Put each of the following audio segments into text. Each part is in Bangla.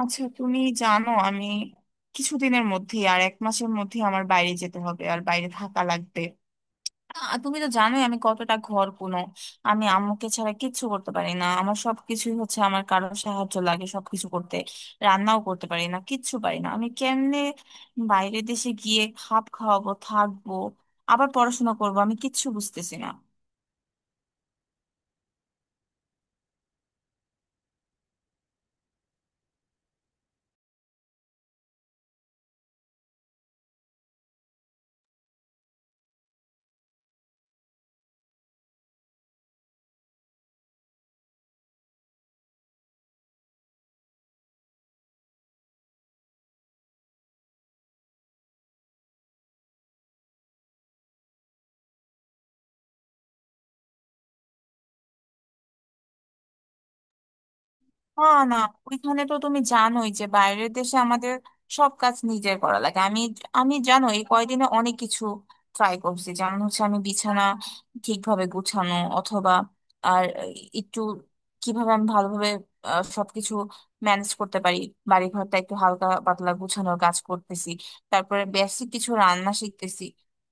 আচ্ছা তুমি জানো আমি কিছুদিনের মধ্যে আর এক মাসের মধ্যে আমার বাইরে যেতে হবে আর বাইরে থাকা লাগবে। তুমি তো জানোই আমি কতটা ঘর কোনো। আমি আম্মুকে ছাড়া কিচ্ছু করতে পারি না, আমার সবকিছুই হচ্ছে আমার কারো সাহায্য লাগে সবকিছু করতে। রান্নাও করতে পারি না, কিচ্ছু পারি না, আমি কেমনে বাইরের দেশে গিয়ে খাপ খাওয়াবো, থাকবো, আবার পড়াশোনা করবো? আমি কিচ্ছু বুঝতেছি না। না। না। ওইখানে তো তুমি জানোই যে বাইরের দেশে আমাদের সব কাজ নিজের করা লাগে। আমি আমি জানো এই কয়দিনে অনেক কিছু ট্রাই করছি, যেমন হচ্ছে আমি বিছানা ঠিকভাবে গুছানো অথবা আর একটু কিভাবে আমি ভালোভাবে সবকিছু ম্যানেজ করতে পারি। বাড়ি ঘরটা একটু হালকা পাতলা গুছানোর কাজ করতেছি, তারপরে বেসিক কিছু রান্না শিখতেছি।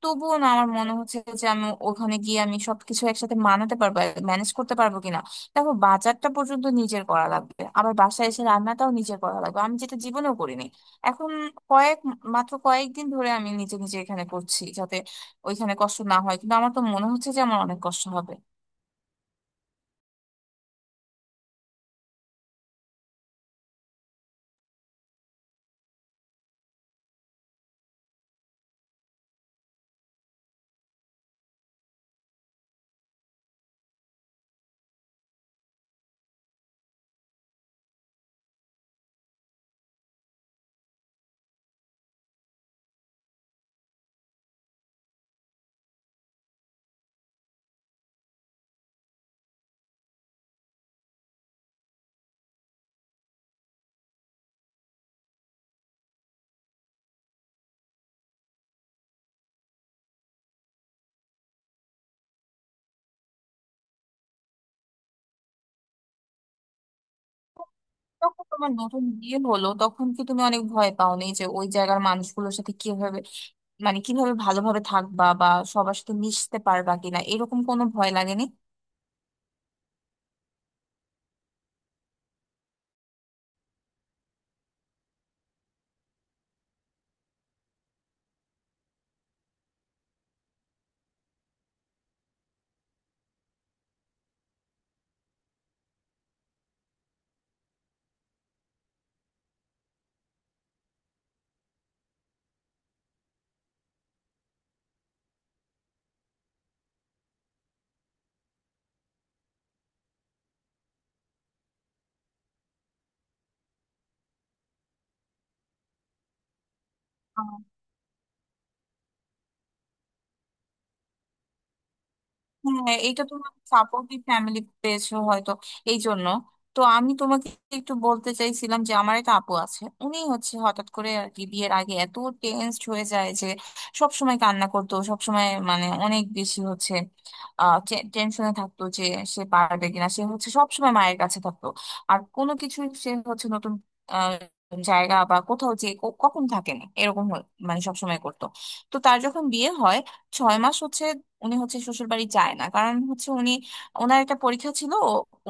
তবুও না, আমার মনে হচ্ছে যে আমি ওখানে গিয়ে আমি সবকিছু একসাথে মানাতে পারবো, ম্যানেজ করতে পারবো কিনা। দেখো বাজারটা পর্যন্ত নিজের করা লাগবে, আবার বাসায় এসে রান্নাটাও নিজের করা লাগবে, আমি যেটা জীবনেও করিনি। এখন কয়েক মাত্র কয়েকদিন ধরে আমি নিজে নিজে এখানে করছি যাতে ওইখানে কষ্ট না হয়, কিন্তু আমার তো মনে হচ্ছে যে আমার অনেক কষ্ট হবে। তখন তোমার নতুন বিয়ে হলো তখন কি তুমি অনেক ভয় পাওনি যে ওই জায়গার মানুষগুলোর সাথে কিভাবে, মানে কিভাবে ভালোভাবে থাকবা, বা সবার সাথে মিশতে পারবা কিনা, এরকম কোনো ভয় লাগেনি? হ্যাঁ, এটা তোমার সাপোর্টিভ ফ্যামিলি পেয়েছো হয়তো এই জন্য। তো আমি তোমাকে একটু বলতে চাইছিলাম যে আমার একটা আপু আছে, উনি হচ্ছে হঠাৎ করে আর কি বিয়ের আগে এত টেনসড হয়ে যায় যে সব সময় কান্না করতো, সব সময় মানে অনেক বেশি হচ্ছে আহ টেনশনে থাকতো যে সে পারবে কিনা, সে হচ্ছে সব সময় মায়ের কাছে থাকতো, আর কোনো কিছুই সে হচ্ছে নতুন আহ, জায়গা বা কোথাও যে কখন থাকে না, মানে সবসময় করতো। তো তার যখন বিয়ে হয় 6 মাস হচ্ছে উনি হচ্ছে শ্বশুর বাড়ি যায় না, কারণ হচ্ছে উনি, ওনার একটা পরীক্ষা ছিল।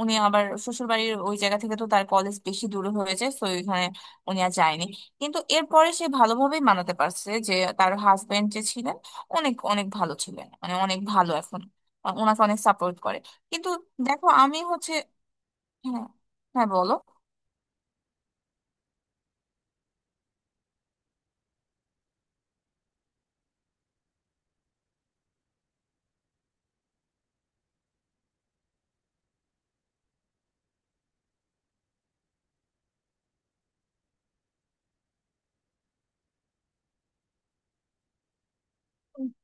উনি আবার শ্বশুর বাড়ির ওই জায়গা থেকে তো তার কলেজ বেশি দূরে হয়ে যায়, তো ওইখানে উনি আর যায়নি। কিন্তু এরপরে সে ভালোভাবেই মানাতে পারছে, যে তার হাজবেন্ড যে ছিলেন অনেক অনেক ভালো ছিলেন, মানে অনেক ভালো, এখন ওনাকে অনেক সাপোর্ট করে। কিন্তু দেখো আমি হচ্ছে। হ্যাঁ। হ্যাঁ, বলো।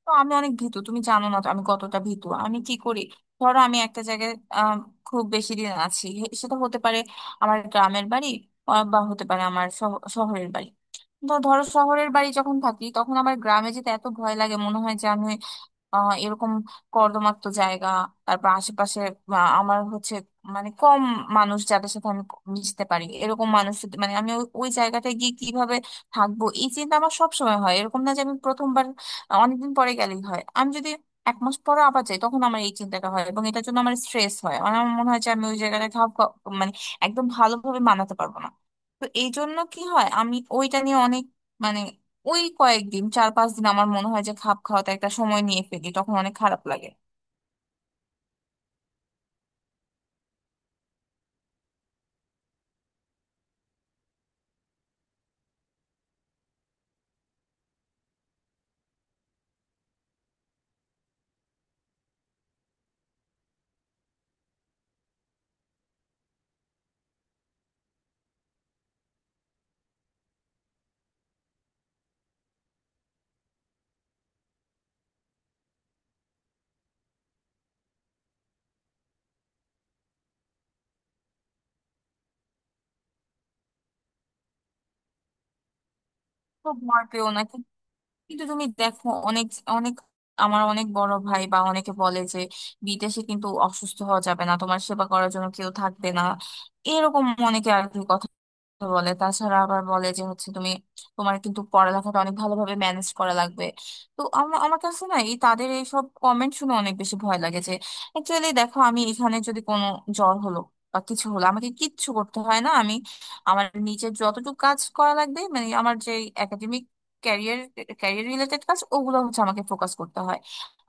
তো আমি অনেক ভীতু, তুমি জানো না তো আমি কতটা ভীতু। আমি কি করি, ধরো আমি একটা জায়গায় আম, খুব বেশি দিন আছি, সেটা হতে পারে আমার গ্রামের বাড়ি, বা হতে পারে আমার শহরের বাড়ি। তো ধরো শহরের বাড়ি যখন থাকি তখন আমার গ্রামে যেতে এত ভয় লাগে, মনে হয় এরকম কর্দমাক্ত জায়গা, তারপর আশেপাশে আমার হচ্ছে মানে কম মানুষ যাদের সাথে আমি মিশতে পারি, এরকম মানুষ মানে আমি ওই ওই জায়গাটায় গিয়ে কিভাবে থাকবো, এই চিন্তা আমার সবসময় হয়। এরকম না যে আমি প্রথমবার অনেকদিন পরে গেলেই হয়, আমি যদি এক মাস পরে আবার যাই তখন আমার এই চিন্তাটা হয়, এবং এটার জন্য আমার স্ট্রেস হয়, মানে আমার মনে হয় যে আমি ওই জায়গাটা মানে একদম ভালোভাবে মানাতে পারবো না। তো এই জন্য কি হয়, আমি ওইটা নিয়ে অনেক, মানে ওই কয়েকদিন, 4-5 দিন আমার মনে হয় যে খাপ খাওয়াতে একটা সময় নিয়ে ফেলি, তখন অনেক খারাপ লাগে। খুব ভয় পেও না। কিন্তু তুমি দেখো অনেক অনেক, আমার অনেক বড় ভাই বা অনেকে বলে যে বিদেশে কিন্তু অসুস্থ হওয়া যাবে না, তোমার সেবা করার জন্য কেউ থাকবে না, এরকম অনেকে আর কি। তো বলে, তাছাড়া আবার বলে যে হচ্ছে তুমি, তোমার কিন্তু পড়ালেখাটা অনেক ভালোভাবে ম্যানেজ করা লাগবে। তো আমার কাছে না এই তাদের এইসব কমেন্ট শুনে অনেক বেশি ভয় লাগে যে অ্যাকচুয়ালি, দেখো আমি এখানে যদি কোনো জ্বর হলো বা কিছু হলো আমাকে কিচ্ছু করতে হয় না। আমি, আমার নিজের যতটুকু কাজ করা লাগবে, মানে আমার যে একাডেমিক ক্যারিয়ার, ক্যারিয়ার রিলেটেড কাজ, ওগুলো হচ্ছে আমাকে ফোকাস করতে হয়।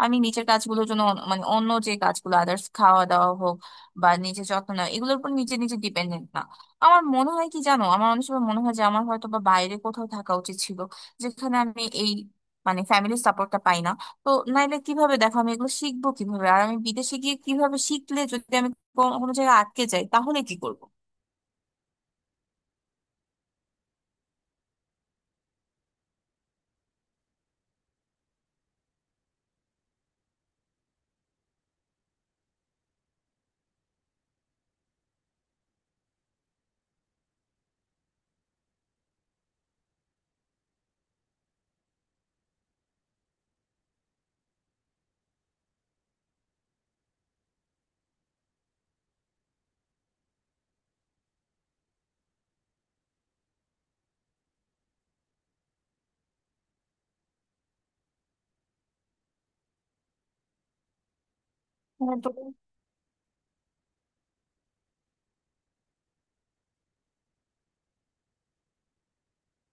আমি নিজের কাজগুলোর জন্য মানে অন্য যে কাজগুলো আদার্স, খাওয়া দাওয়া হোক বা নিজের যত্ন নেওয়া, এগুলোর উপর নিজে নিজে ডিপেন্ডেন্ট না। আমার মনে হয় কি জানো, আমার অনেক সময় মনে হয় যে আমার হয়তো বা বাইরে কোথাও থাকা উচিত ছিল, যেখানে আমি এই মানে ফ্যামিলির সাপোর্টটা পাই না। তো নাইলে কিভাবে দেখো আমি এগুলো শিখবো, কিভাবে আর আমি বিদেশে গিয়ে কিভাবে শিখলে, যদি আমি কোনো কোনো জায়গায় আটকে যাই তাহলে কি করবো? হ্যাঁ, তো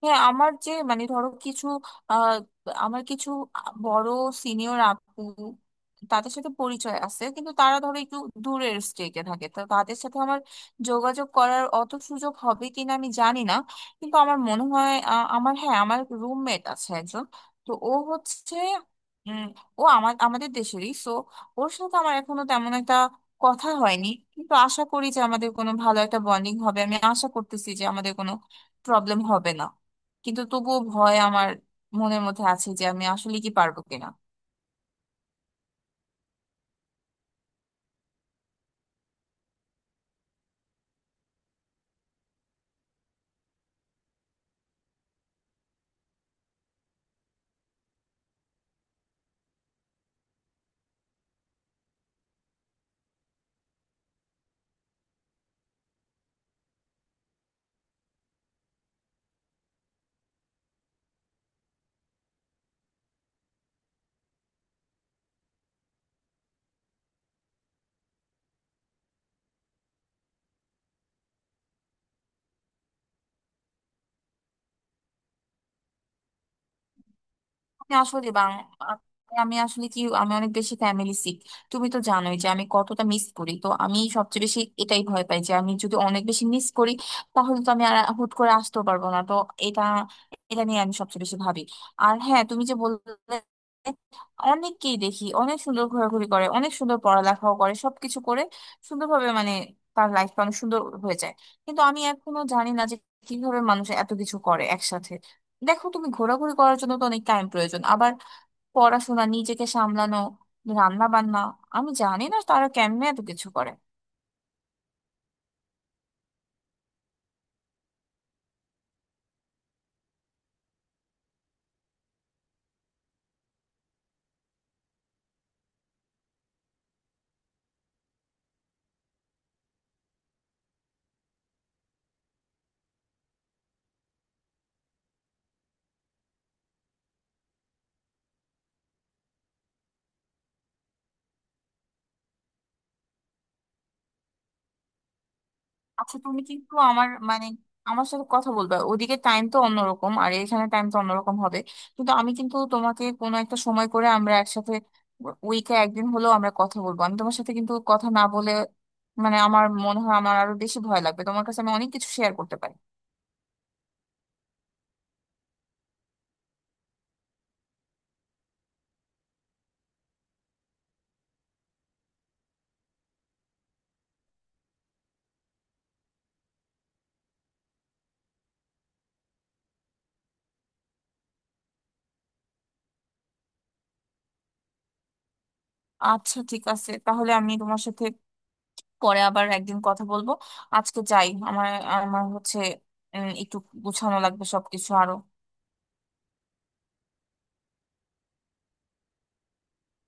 হ্যাঁ, আমার যে মানে ধরো কিছু আহ আমার কিছু বড় সিনিয়র আপু, তাদের সাথে পরিচয় আছে কিন্তু তারা ধরো একটু দূরের স্টেটে থাকে, তো তাদের সাথে আমার যোগাযোগ করার অত সুযোগ হবে কিনা আমি জানি না। কিন্তু আমার মনে হয় আমার, হ্যাঁ আমার রুমমেট আছে একজন, তো ও হচ্ছে উম ও আমার আমাদের দেশেরই, সো ওর সাথে আমার এখনো তেমন একটা কথা হয়নি। কিন্তু আশা করি যে আমাদের কোনো ভালো একটা বন্ডিং হবে, আমি আশা করতেছি যে আমাদের কোনো প্রবলেম হবে না। কিন্তু তবুও ভয় আমার মনের মধ্যে আছে যে আমি আসলে কি পারবো কিনা। আমি আসলে বাং- আ- আমি আসলে কি, আমি অনেক বেশি ফ্যামিলি সিক, তুমি তো জানোই যে আমি কতটা মিস করি। তো আমি সবচেয়ে বেশি এটাই ভয় পাই যে আমি যদি অনেক বেশি মিস করি তাহলে তো আমি আর হুট করে আসতেও পারবো না। তো এটা, এটা নিয়ে আমি সবচেয়ে বেশি ভাবি। আর হ্যাঁ তুমি যে বললে, অনেককেই দেখি অনেক সুন্দর ঘোরাঘুরি করে, অনেক সুন্দর পড়ালেখাও করে, সবকিছু করে সুন্দরভাবে, মানে তার লাইফটা অনেক সুন্দর হয়ে যায়। কিন্তু আমি এখনো জানি না যে কিভাবে মানুষ এত কিছু করে একসাথে। দেখো তুমি ঘোরাঘুরি করার জন্য তো অনেক টাইম প্রয়োজন, আবার পড়াশোনা, নিজেকে সামলানো, রান্না বান্না, আমি জানি না তারা কেমনে এত কিছু করে। আচ্ছা তুমি কিন্তু আমার মানে আমার সাথে কথা বলবে, ওদিকে টাইম তো অন্যরকম আর এখানে টাইম তো অন্যরকম হবে। কিন্তু আমি, কিন্তু তোমাকে কোনো একটা সময় করে আমরা একসাথে উইকে একদিন হলেও আমরা কথা বলবো, আমি তোমার সাথে কিন্তু কথা না বলে মানে আমার মনে হয় আমার আরো বেশি ভয় লাগবে, তোমার কাছে আমি অনেক কিছু শেয়ার করতে পারি। আচ্ছা ঠিক আছে, তাহলে আমি তোমার সাথে পরে আবার একদিন কথা বলবো। আজকে যাই, আমার, আমার হচ্ছে একটু গুছানো লাগবে সবকিছু আরো।